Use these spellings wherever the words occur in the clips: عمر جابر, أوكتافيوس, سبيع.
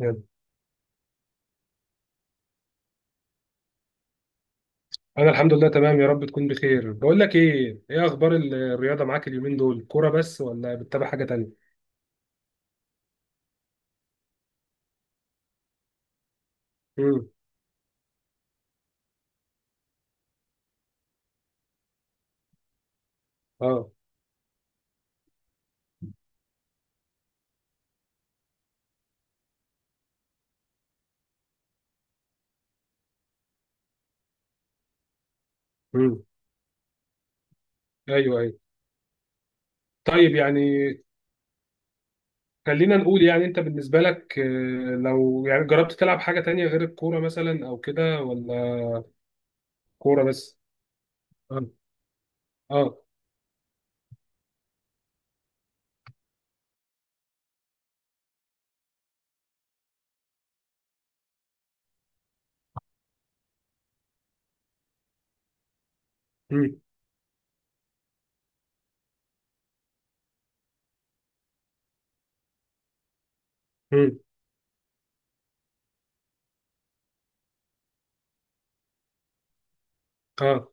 يلا. انا الحمد لله تمام، يا رب تكون بخير. بقول لك ايه، ايه اخبار الرياضه معاك اليومين دول؟ كوره بس ولا بتتابع حاجه تانية؟ امم. اه. امم. ايوه، ايوه. طيب، يعني خلينا نقول، يعني انت بالنسبه لك، لو يعني جربت تلعب حاجه تانية غير الكوره مثلا او كده، ولا؟ كوره بس. اه. اه. امم. امم. اه.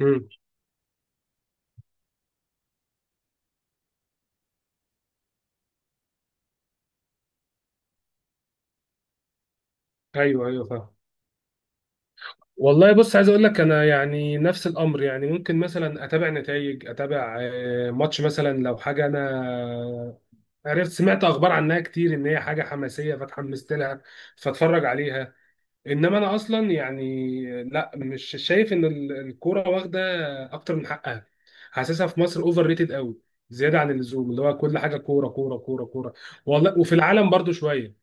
امم. ايوه، ايوه، فاهم. والله، بص، عايز اقول لك انا يعني نفس الامر. يعني ممكن مثلا اتابع نتائج، اتابع ماتش مثلا لو حاجه انا عرفت، سمعت اخبار عنها كتير ان هي حاجه حماسيه فاتحمست لها، فاتفرج عليها. انما انا اصلا يعني لا، مش شايف ان الكوره واخده اكتر من حقها. حاسسها في مصر اوفر ريتد قوي، زياده عن اللزوم، اللي هو كل حاجه كوره كوره كوره كوره. والله، وفي العالم برضو شويه.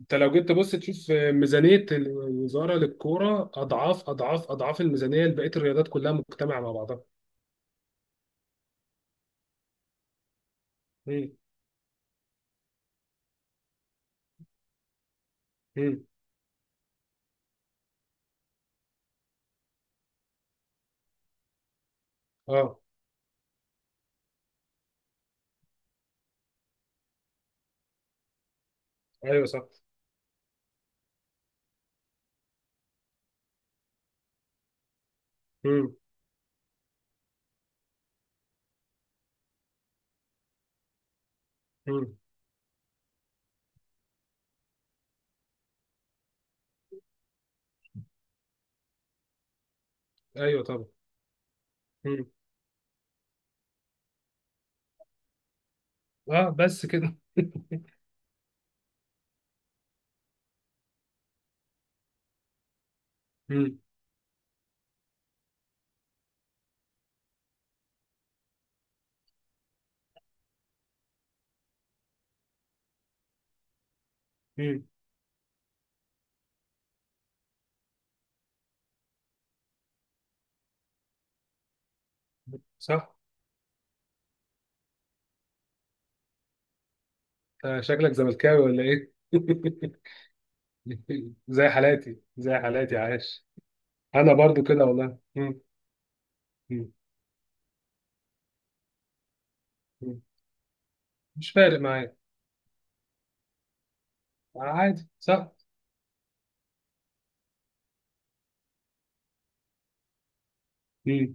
انت لو جيت تبص تشوف ميزانيه الوزاره للكوره اضعاف اضعاف اضعاف الميزانيه لبقيه الرياضات كلها مجتمعه مع بعضها. امم. امم. اه. ايوه، صح. امم. امم. ايوه، طبعا. اه، بس كده. امم. امم. صح. شكلك زملكاوي ولا ايه؟ زي حالاتي، زي حالاتي عايش. انا برضو كده والله. مم. مم. مم. مش فارق معايا. عادي، صح. مم.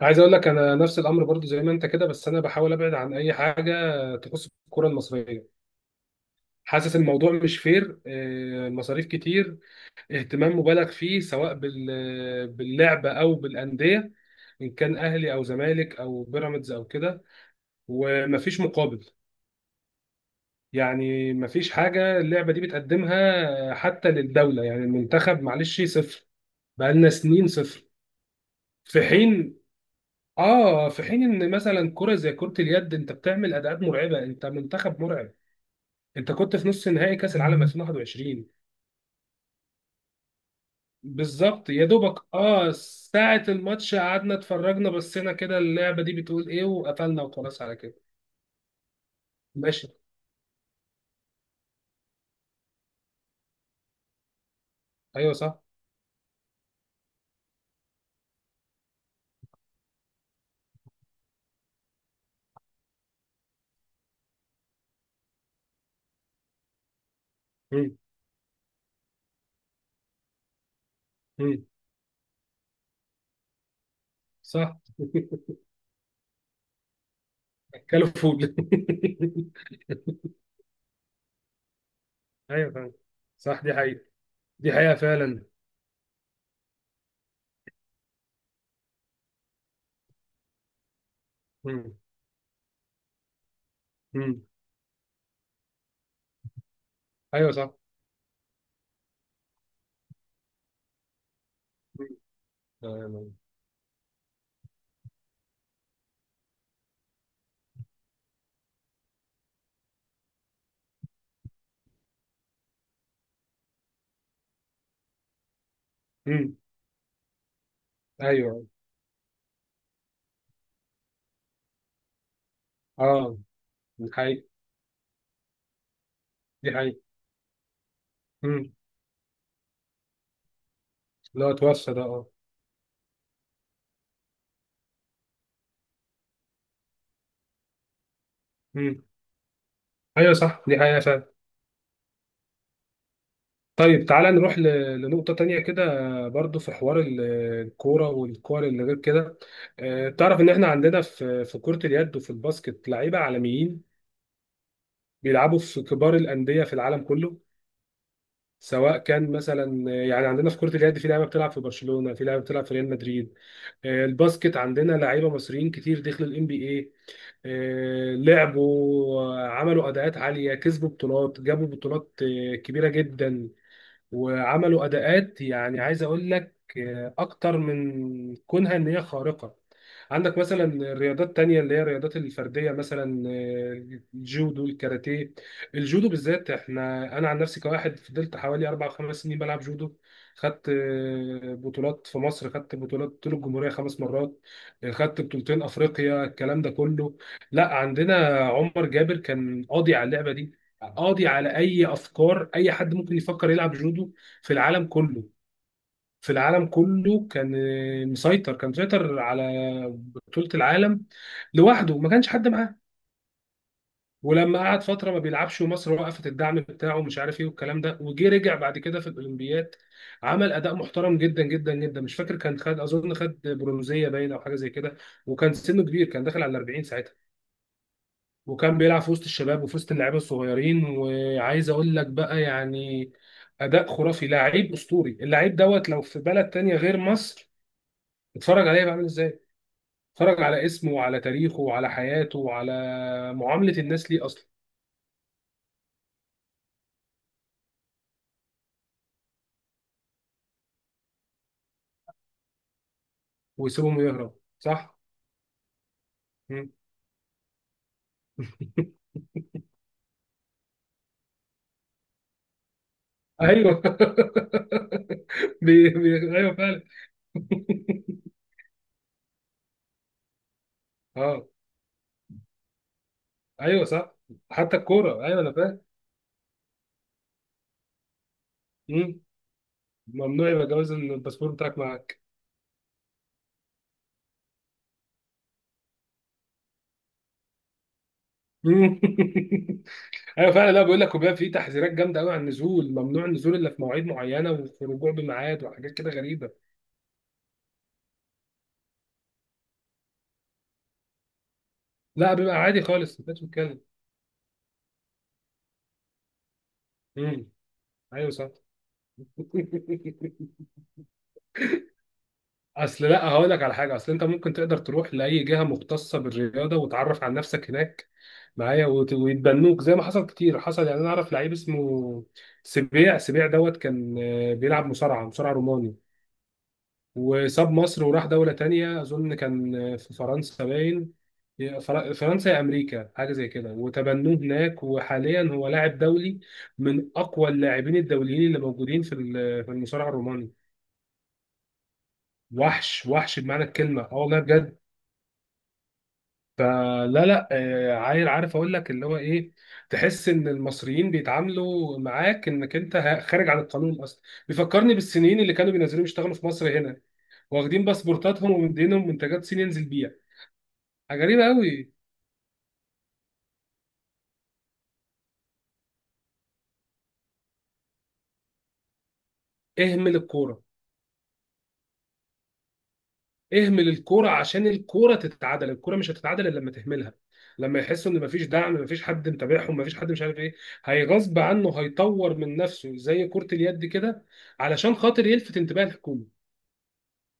عايز اقول لك انا نفس الامر برضو زي ما انت كده، بس انا بحاول ابعد عن اي حاجه تخص الكره المصريه. حاسس الموضوع مش فير. المصاريف كتير، اهتمام مبالغ فيه سواء باللعبه او بالانديه، ان كان اهلي او زمالك او بيراميدز او كده، ومفيش مقابل. يعني مفيش حاجة اللعبة دي بتقدمها حتى للدولة، يعني المنتخب معلش صفر، بقالنا سنين صفر. في حين، اه، في حين ان مثلا كرة زي كرة اليد، انت بتعمل اداءات مرعبة، انت منتخب مرعب. انت كنت في نص نهائي كأس العالم 2021. بالظبط، يا دوبك اه ساعة الماتش قعدنا اتفرجنا، بصينا كده اللعبة دي بتقول ايه، وقفلنا وخلاص على كده. ماشي. ايوه، صح. مم. مم. صح. كلفول. ايوه فعلا. صح، دي حقيقة. دي حقيقة فعلا. مم. مم. ايوه، صح. مم. تمام. مم. ايوه. اه، دي حقيقة. دي حقيقة. مم. لا، اتوصى ده، اه. مم. ايوه، صح، دي حقيقة فعلا. طيب، تعالى نروح لنقطة تانية كده. برضو في حوار الكورة والكور اللي غير كده. تعرف ان احنا عندنا في كرة اليد وفي الباسكت لعيبة عالميين بيلعبوا في كبار الأندية في العالم كله. سواء كان مثلا يعني عندنا في كرة اليد في لعيبة بتلعب في برشلونة، في لعيبة بتلعب في ريال مدريد. الباسكت عندنا لعيبة مصريين كتير دخلوا الام بي اي، لعبوا عملوا اداءات عالية، كسبوا بطولات، جابوا بطولات كبيرة جدا، وعملوا اداءات. يعني عايز اقول لك اكتر من كونها ان هي خارقه. عندك مثلا الرياضات التانية اللي هي الرياضات الفردية، مثلا الجودو، الكاراتيه. الجودو بالذات، انا عن نفسي كواحد فضلت حوالي 4 او 5 سنين بلعب جودو. خدت بطولات في مصر، خدت بطولات طول الجمهورية 5 مرات. خدت بطولتين افريقيا، الكلام ده كله. لا، عندنا عمر جابر كان قاضي على اللعبة دي، قاضي على اي افكار اي حد ممكن يفكر يلعب جودو في العالم كله. في العالم كله كان مسيطر على بطولة العالم لوحده، ما كانش حد معاه. ولما قعد فترة ما بيلعبش، ومصر وقفت الدعم بتاعه ومش عارف ايه والكلام ده، وجي رجع بعد كده في الاولمبياد، عمل اداء محترم جدا جدا جدا. مش فاكر، كان خد اظن خد برونزية باين او حاجة زي كده. وكان سنه كبير، كان داخل على 40 ساعتها، وكان بيلعب في وسط الشباب وفي وسط اللعيبه الصغيرين. وعايز اقول لك بقى يعني اداء خرافي، لعيب اسطوري. اللعيب دوت لو في بلد تانية غير مصر، اتفرج عليه بقى عامل ازاي، اتفرج على اسمه وعلى تاريخه وعلى حياته وعلى معامله الناس ليه اصلا. ويسيبهم يهرب، صح. مم. ايوه. ايوه فعلا. اه. ايوه، صح. حتى الكوره، ايوه، انا فاهم. مم. ممنوع يبقى جواز الباسبور بتاعك معاك. مم. ايوه فعلا. لا، بيقول لك وبيبقى في تحذيرات جامده قوي عن النزول، ممنوع النزول الا في مواعيد معينه، وفي الرجوع بميعاد، وحاجات كده غريبه. لا، بيبقى عادي خالص ما بتتكلم. امم. ايوه، صح. اصل لا، هقول لك على حاجه. اصل انت ممكن تقدر تروح لاي جهه مختصه بالرياضه وتعرف عن نفسك هناك معايا، ويتبنوك زي ما حصل كتير. حصل، يعني انا اعرف لعيب اسمه سبيع سبيع دوت، كان بيلعب مصارعه، مصارع روماني، وساب مصر وراح دولة تانية، أظن كان في فرنسا باين. فرنسا يا أمريكا حاجة زي كده، وتبنوه هناك، وحاليا هو لاعب دولي من أقوى اللاعبين الدوليين اللي موجودين في المصارعة الروماني. وحش، وحش بمعنى الكلمة، أه والله بجد. فلا، لا، عيل عارف أقول لك اللي هو إيه، تحس إن المصريين بيتعاملوا معاك إنك أنت خارج عن القانون أصلا. بيفكرني بالصينيين اللي كانوا بينزلوا يشتغلوا في مصر هنا، واخدين باسبورتاتهم ومدينهم منتجات صين ينزل بيها. غريبة قوي. اهمل الكورة. اهمل الكورة عشان الكورة تتعادل. الكورة مش هتتعادل إلا لما تهملها. لما يحسوا ان مفيش دعم، مفيش حد متابعهم، مفيش حد، مش عارف ايه، هيغصب عنه هيطور من نفسه زي كرة اليد كده، علشان خاطر يلفت انتباه الحكومة،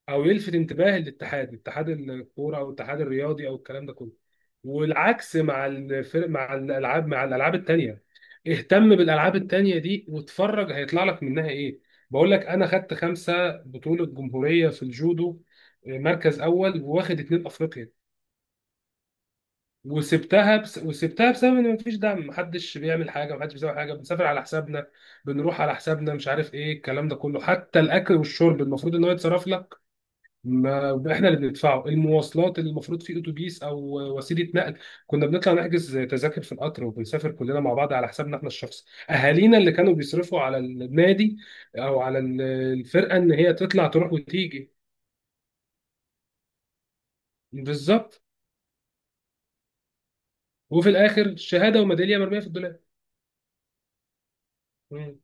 او يلفت انتباه الاتحاد، اتحاد الكوره، او الاتحاد الرياضي، او الكلام ده كله. والعكس مع الفرق، مع الالعاب التانيه، اهتم بالالعاب التانيه دي واتفرج هيطلع لك منها ايه. بقول لك انا خدت 5 بطوله جمهوريه في الجودو، مركز اول، واخد اتنين افريقيا. وسبتها بسبب ان مفيش دعم، محدش بيعمل حاجه، محدش بيسوي حاجه، بنسافر على حسابنا، بنروح على حسابنا، مش عارف ايه الكلام ده كله. حتى الاكل والشرب المفروض ان هو يتصرف لك، ما احنا اللي بندفعه. المواصلات اللي المفروض في اتوبيس او وسيله نقل، كنا بنطلع نحجز تذاكر في القطر وبنسافر كلنا مع بعض على حسابنا احنا الشخصي. اهالينا اللي كانوا بيصرفوا على النادي او على الفرقه ان هي تطلع تروح وتيجي. بالظبط. وفي الاخر شهاده وميداليه مرميه في الدولاب. مم.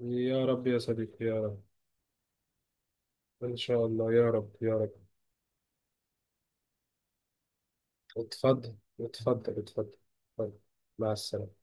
يا رب، يا صديقي، يا رب. ان شاء الله، يا رب، يا رب. اتفضل، اتفضل، اتفضل. اتفضل. مع السلامه.